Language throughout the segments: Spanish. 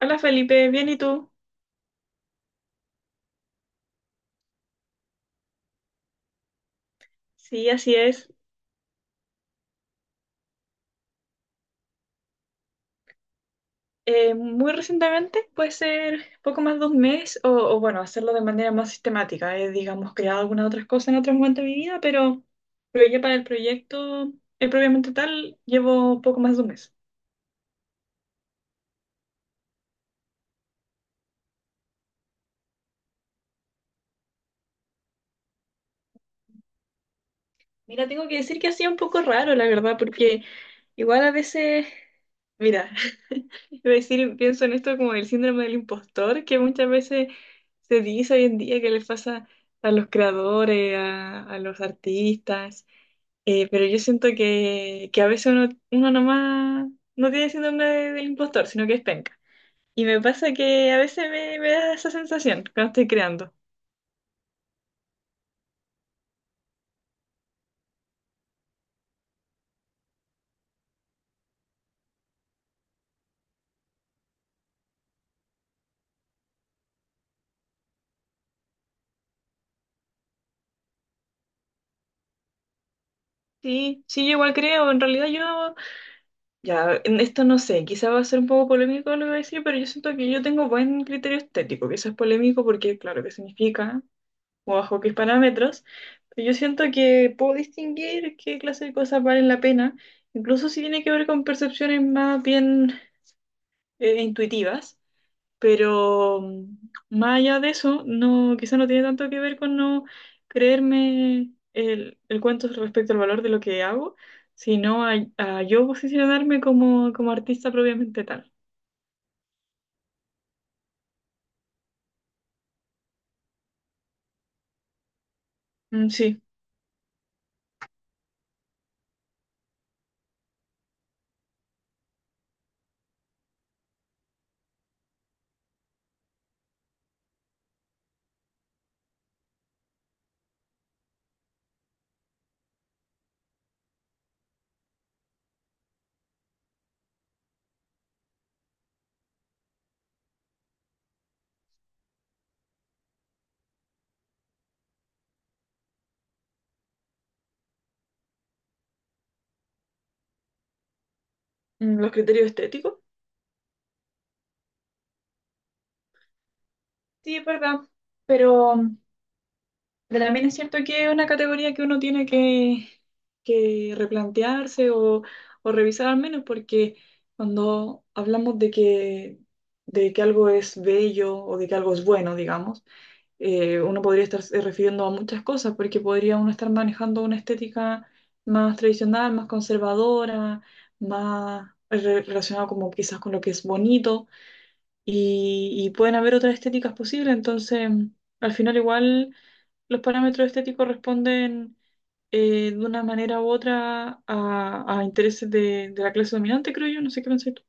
Hola Felipe, bien, ¿y tú? Sí, así es. Muy recientemente, puede ser poco más de un mes, o bueno, hacerlo de manera más sistemática. He, digamos, creado algunas otras cosas en otros momentos de mi vida, pero ya para el proyecto, propiamente tal, llevo poco más de un mes. Mira, tengo que decir que ha sido un poco raro, la verdad, porque igual a veces, mira, iba a decir, pienso en esto como el síndrome del impostor, que muchas veces se dice hoy en día que les pasa a los creadores, a los artistas, pero yo siento que a veces uno nomás no tiene síndrome del impostor, sino que es penca. Y me pasa que a veces me da esa sensación cuando estoy creando. Sí, sí, yo igual creo, en realidad yo ya, en esto no sé, quizá va a ser un poco polémico lo que voy a decir, pero yo siento que yo tengo buen criterio estético, que eso es polémico porque, claro, ¿qué significa? O bajo qué parámetros. Pero yo siento que puedo distinguir qué clase de cosas valen la pena, incluso si tiene que ver con percepciones más bien intuitivas. Pero más allá de eso, no, quizá no tiene tanto que ver con no creerme el cuento respecto al valor de lo que hago, sino a yo posicionarme como, como artista propiamente tal. Mm, sí. Mm, los criterios estéticos. Sí, es verdad. Pero Pero también es cierto que es una categoría que uno tiene que replantearse o revisar al menos, porque cuando hablamos de de que algo es bello o de que algo es bueno, digamos, uno podría estarse refiriendo a muchas cosas, porque podría uno estar manejando una estética más tradicional, más conservadora, más relacionada como quizás con lo que es bonito, y pueden haber otras estéticas posibles, entonces al final igual los parámetros estéticos responden de una manera u otra a intereses de la clase dominante, creo yo, no sé qué pensás tú.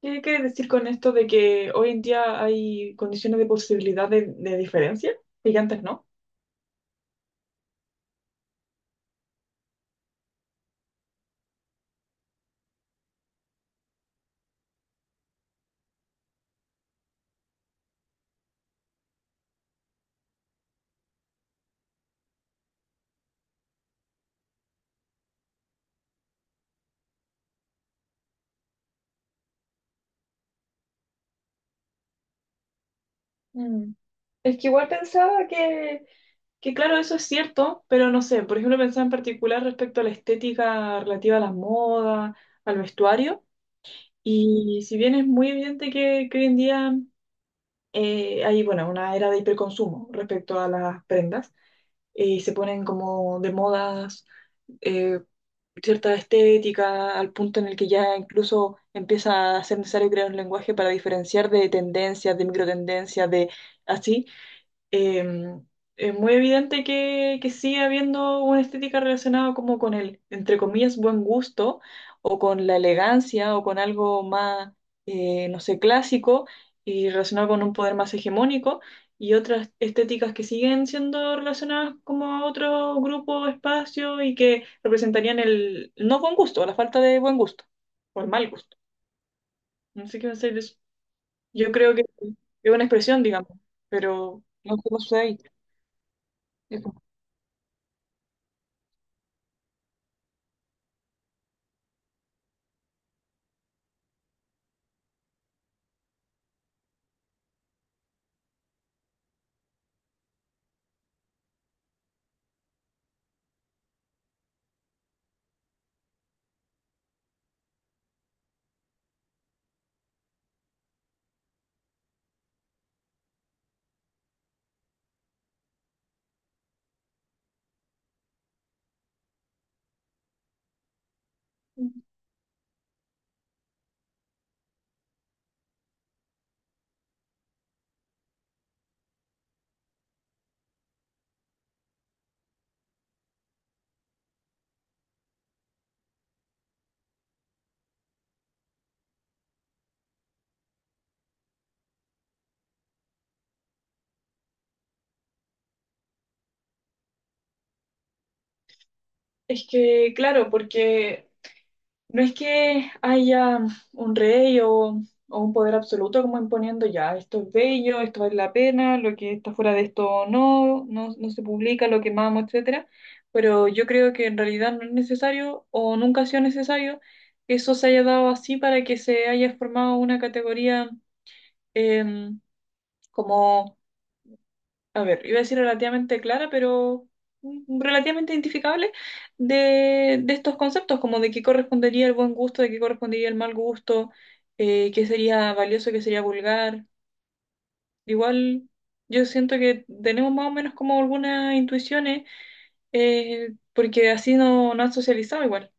¿Qué quieres decir con esto de que hoy en día hay condiciones de posibilidad de diferencia y que antes no? Mm. Es que igual pensaba que, claro, eso es cierto, pero no sé, por ejemplo, pensaba en particular respecto a la estética relativa a las modas, al vestuario, y si bien es muy evidente que hoy en día hay, bueno, una era de hiperconsumo respecto a las prendas y se ponen como de modas eh, cierta estética al punto en el que ya incluso empieza a ser necesario crear un lenguaje para diferenciar de tendencias, de microtendencias, de así em, es muy evidente que sigue habiendo una estética relacionada como con el, entre comillas, buen gusto o con la elegancia o con algo más, no sé, clásico y relacionado con un poder más hegemónico y otras estéticas que siguen siendo relacionadas como a otro grupo, espacio y que representarían el no buen gusto, la falta de buen gusto o el mal gusto. No sé qué pensáis de eso. Yo creo que es una expresión, digamos, pero no sé cómo sucede ahí. Es que, claro, porque no es que haya un rey o un poder absoluto como imponiendo ya, esto es bello, esto vale la pena, lo que está fuera de esto no, no, no se publica, lo quemamos, etcétera. Pero yo creo que en realidad no es necesario o nunca ha sido necesario que eso se haya dado así para que se haya formado una categoría em, como a ver, iba a decir relativamente clara, pero relativamente identificable de estos conceptos, como de qué correspondería el buen gusto, de qué correspondería el mal gusto, qué sería valioso, qué sería vulgar. Igual yo siento que tenemos más o menos como algunas intuiciones, porque así no, no han socializado igual.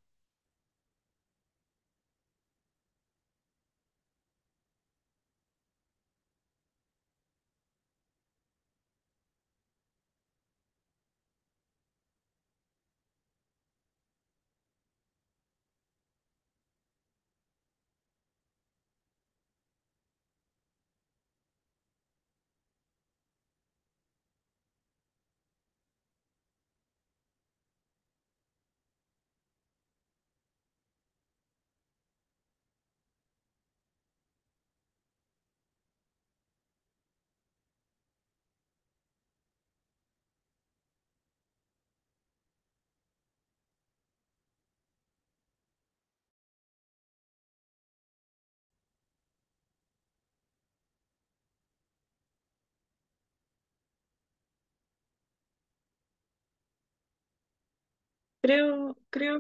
Creo, creo,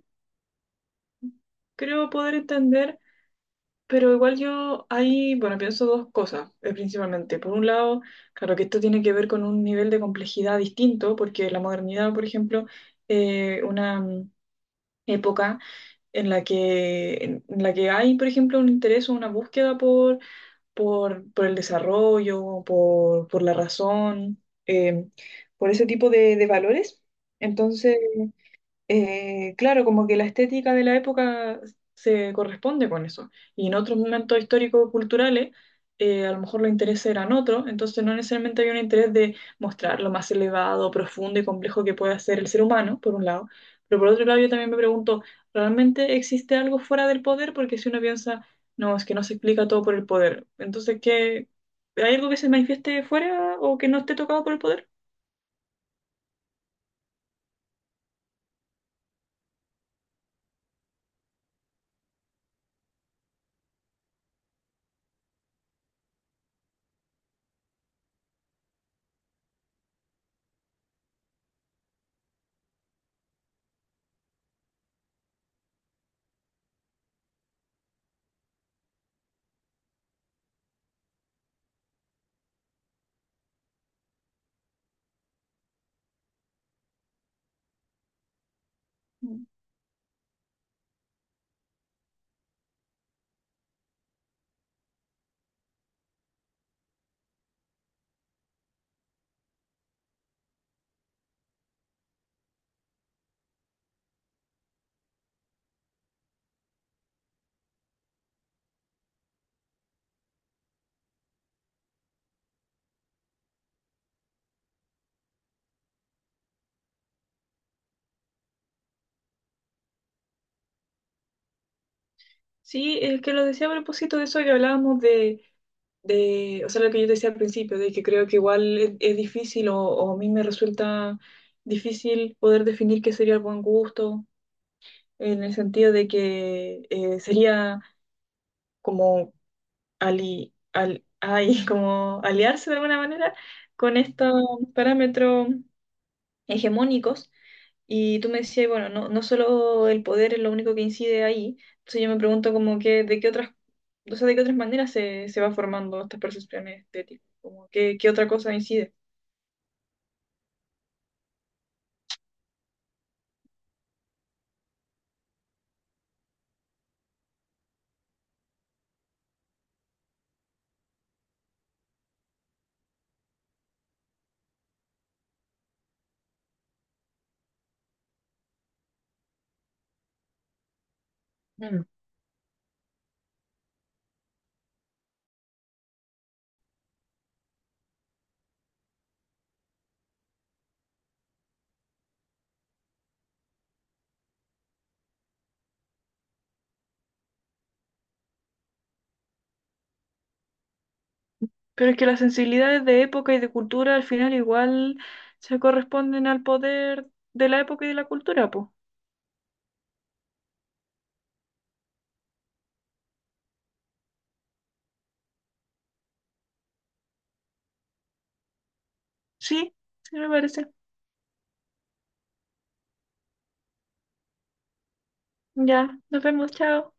creo poder entender. Pero igual yo ahí, bueno, pienso dos cosas, principalmente. Por un lado, claro que esto tiene que ver con un nivel de complejidad distinto, porque la modernidad, por ejemplo, una época en la que hay, por ejemplo, un interés o una búsqueda por el desarrollo, por la razón, eh, por ese tipo de valores. Entonces, claro, como que la estética de la época se corresponde con eso. Y en otros momentos históricos culturales, a lo mejor los intereses eran otros, entonces no necesariamente había un interés de mostrar lo más elevado, profundo y complejo que puede ser el ser humano, por un lado. Pero por otro lado, yo también me pregunto, ¿realmente existe algo fuera del poder? Porque si uno piensa, no, es que no se explica todo por el poder. Entonces, ¿qué? ¿Hay algo que se manifieste fuera o que no esté tocado por el poder? Sí, es que lo decía a propósito de eso que hablábamos de, o sea, lo que yo decía al principio, de que creo que igual es difícil o a mí me resulta difícil poder definir qué sería el buen gusto, en el sentido de que sería como, ali, al, ay, como aliarse de alguna manera con estos parámetros hegemónicos y tú me decías, bueno, no, no solo el poder es lo único que incide ahí. Entonces yo me pregunto como que, ¿de qué otras, o sea, de qué otras maneras se, se va formando estas percepciones estéticas? Como que, ¿qué otra cosa incide? Mm. Pero es que las sensibilidades de época y de cultura al final igual se corresponden al poder de la época y de la cultura, pues. Sí, sí me parece. Ya, nos vemos, chao.